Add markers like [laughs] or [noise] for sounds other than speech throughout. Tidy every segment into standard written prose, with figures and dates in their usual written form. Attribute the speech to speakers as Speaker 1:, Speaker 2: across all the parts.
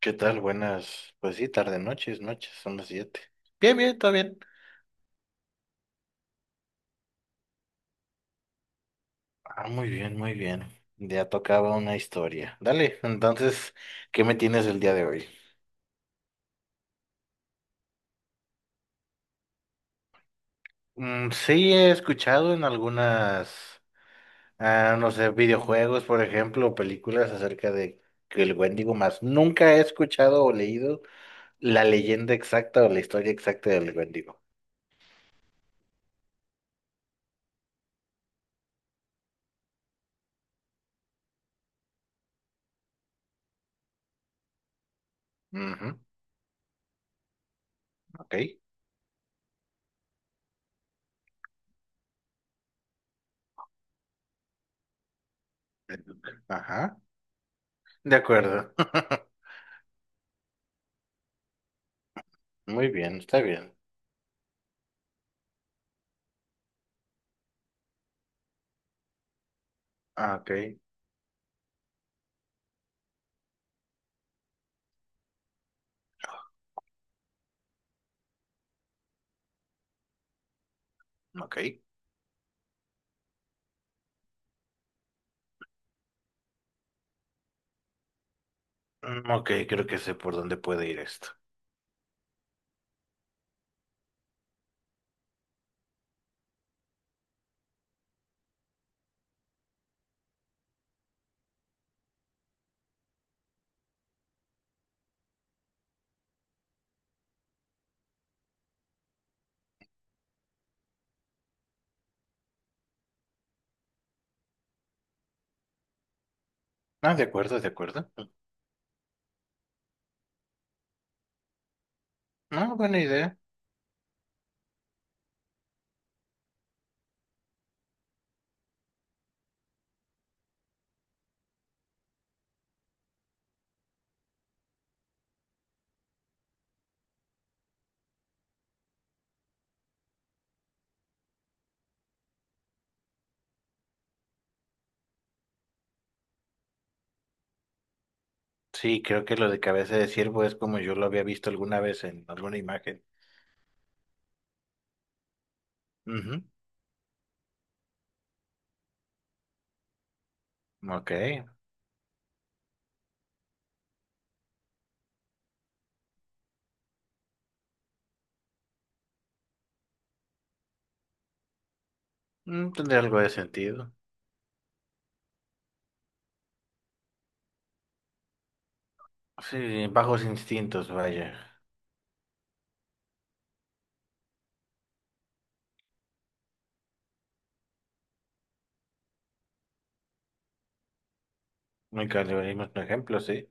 Speaker 1: ¿Qué tal? Buenas, pues sí, tarde, noches, noches, son las siete. Bien, bien, todo bien. Ah, muy bien, muy bien. Ya tocaba una historia. Dale, entonces, ¿qué me tienes el día de hoy? Sí, he escuchado en algunas, no sé, videojuegos, por ejemplo, o películas acerca de que el Wendigo, más nunca he escuchado o leído la leyenda exacta o la historia exacta del Wendigo. Ujú, ok. [laughs] Ajá, de acuerdo. [laughs] Muy bien, está bien. Ah, ok. Ok. Ok, creo que sé por dónde puede ir esto. Ah, de acuerdo, de acuerdo. No, buena idea. Sí, creo que lo de cabeza de ciervo es como yo lo había visto alguna vez en alguna imagen. Ujú. Ok. Tendría algo de sentido. Sí, bajos instintos, vaya. Muy canibalismo es un ejemplo, sí.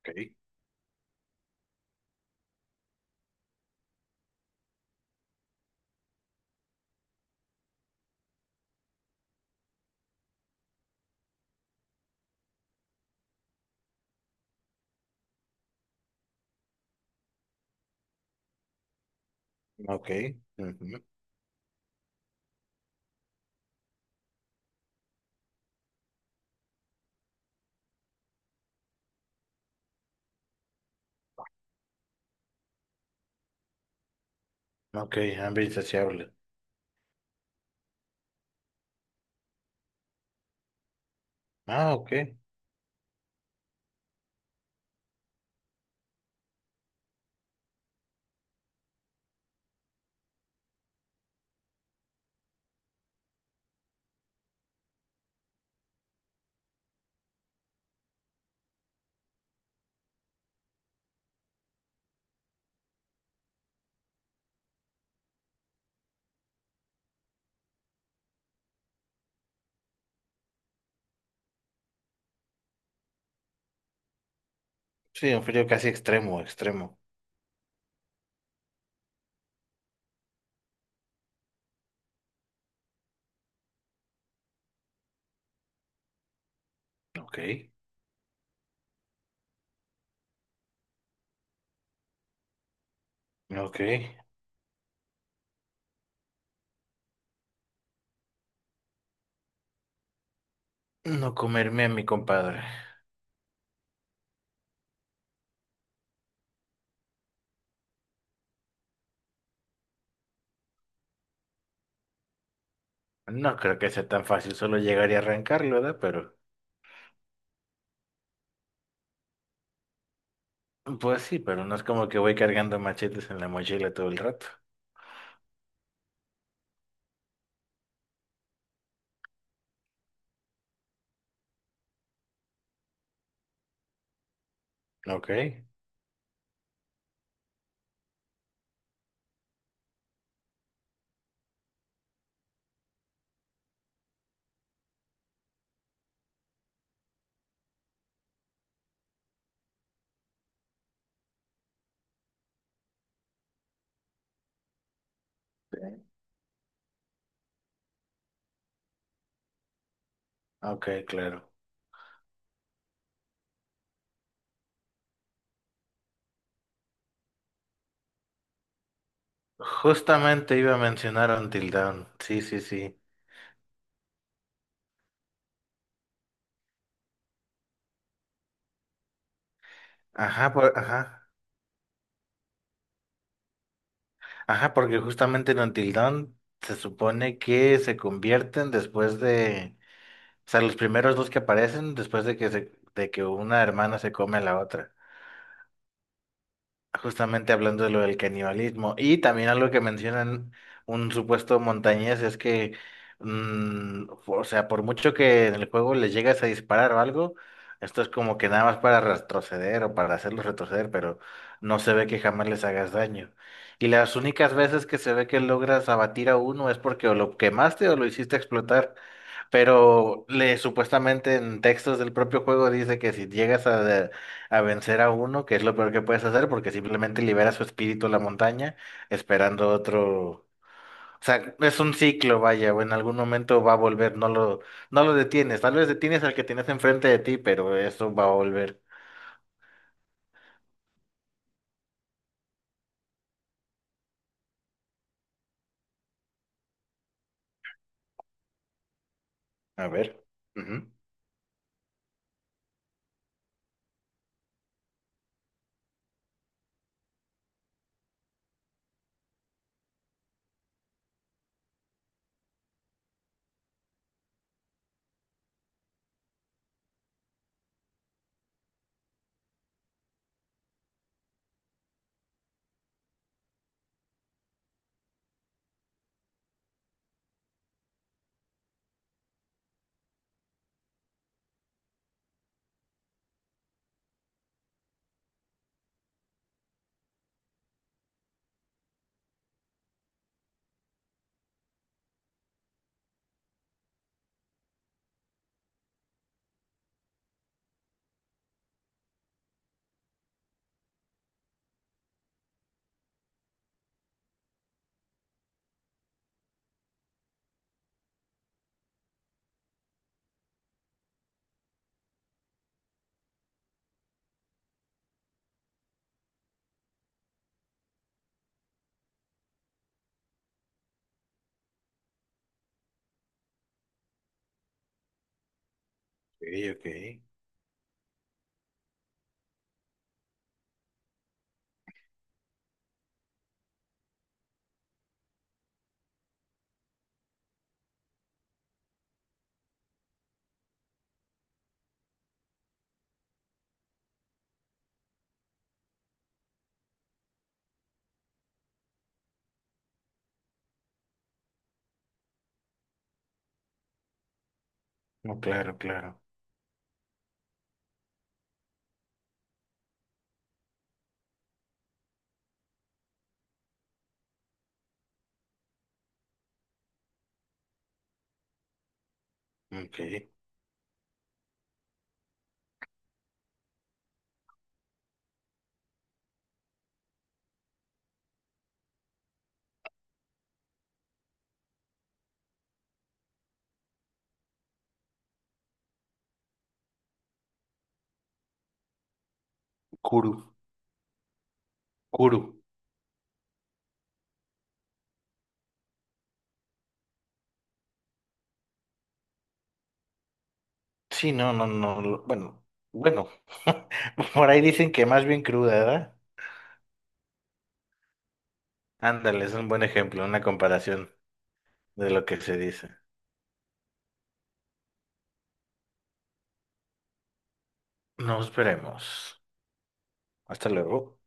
Speaker 1: Ok. Ok. Ujú. Ok, hambre insaciable. Ah, ok. Sí, un frío casi extremo, extremo. Ok. Ok. No comerme a mi compadre. No creo que sea tan fácil, solo llegar y arrancarlo, ¿verdad? Pero, pues sí, pero no es como que voy cargando machetes en la mochila todo el rato. Ok, ok, claro. Justamente iba a mencionar Until Dawn. Sí, sí, sí. Ajá, ajá. Ajá, porque justamente en Until Dawn se supone que se convierten o sea, los primeros dos que aparecen después de que se, de que una hermana se come a la otra. Justamente hablando de lo del canibalismo. Y también algo que mencionan un supuesto montañés es que, o sea, por mucho que en el juego les llegas a disparar o algo, esto es como que nada más para retroceder o para hacerlos retroceder, pero no se ve que jamás les hagas daño. Y las únicas veces que se ve que logras abatir a uno es porque o lo quemaste o lo hiciste explotar. Pero le supuestamente en textos del propio juego dice que si llegas a vencer a uno, que es lo peor que puedes hacer, porque simplemente libera su espíritu a la montaña, esperando otro. O sea, es un ciclo, vaya, o en algún momento va a volver, no lo detienes. Tal vez detienes al que tienes enfrente de ti, pero eso va a volver. A ver. Ujú. Ok, ok. No, claro, claro. Ok. Kuru. Kuru. Sí, no, no, no. Bueno, bueno. [laughs] Por ahí dicen que más bien cruda, ¿verdad? Ándale, es un buen ejemplo, una comparación de lo que se dice. Nos veremos. Hasta luego.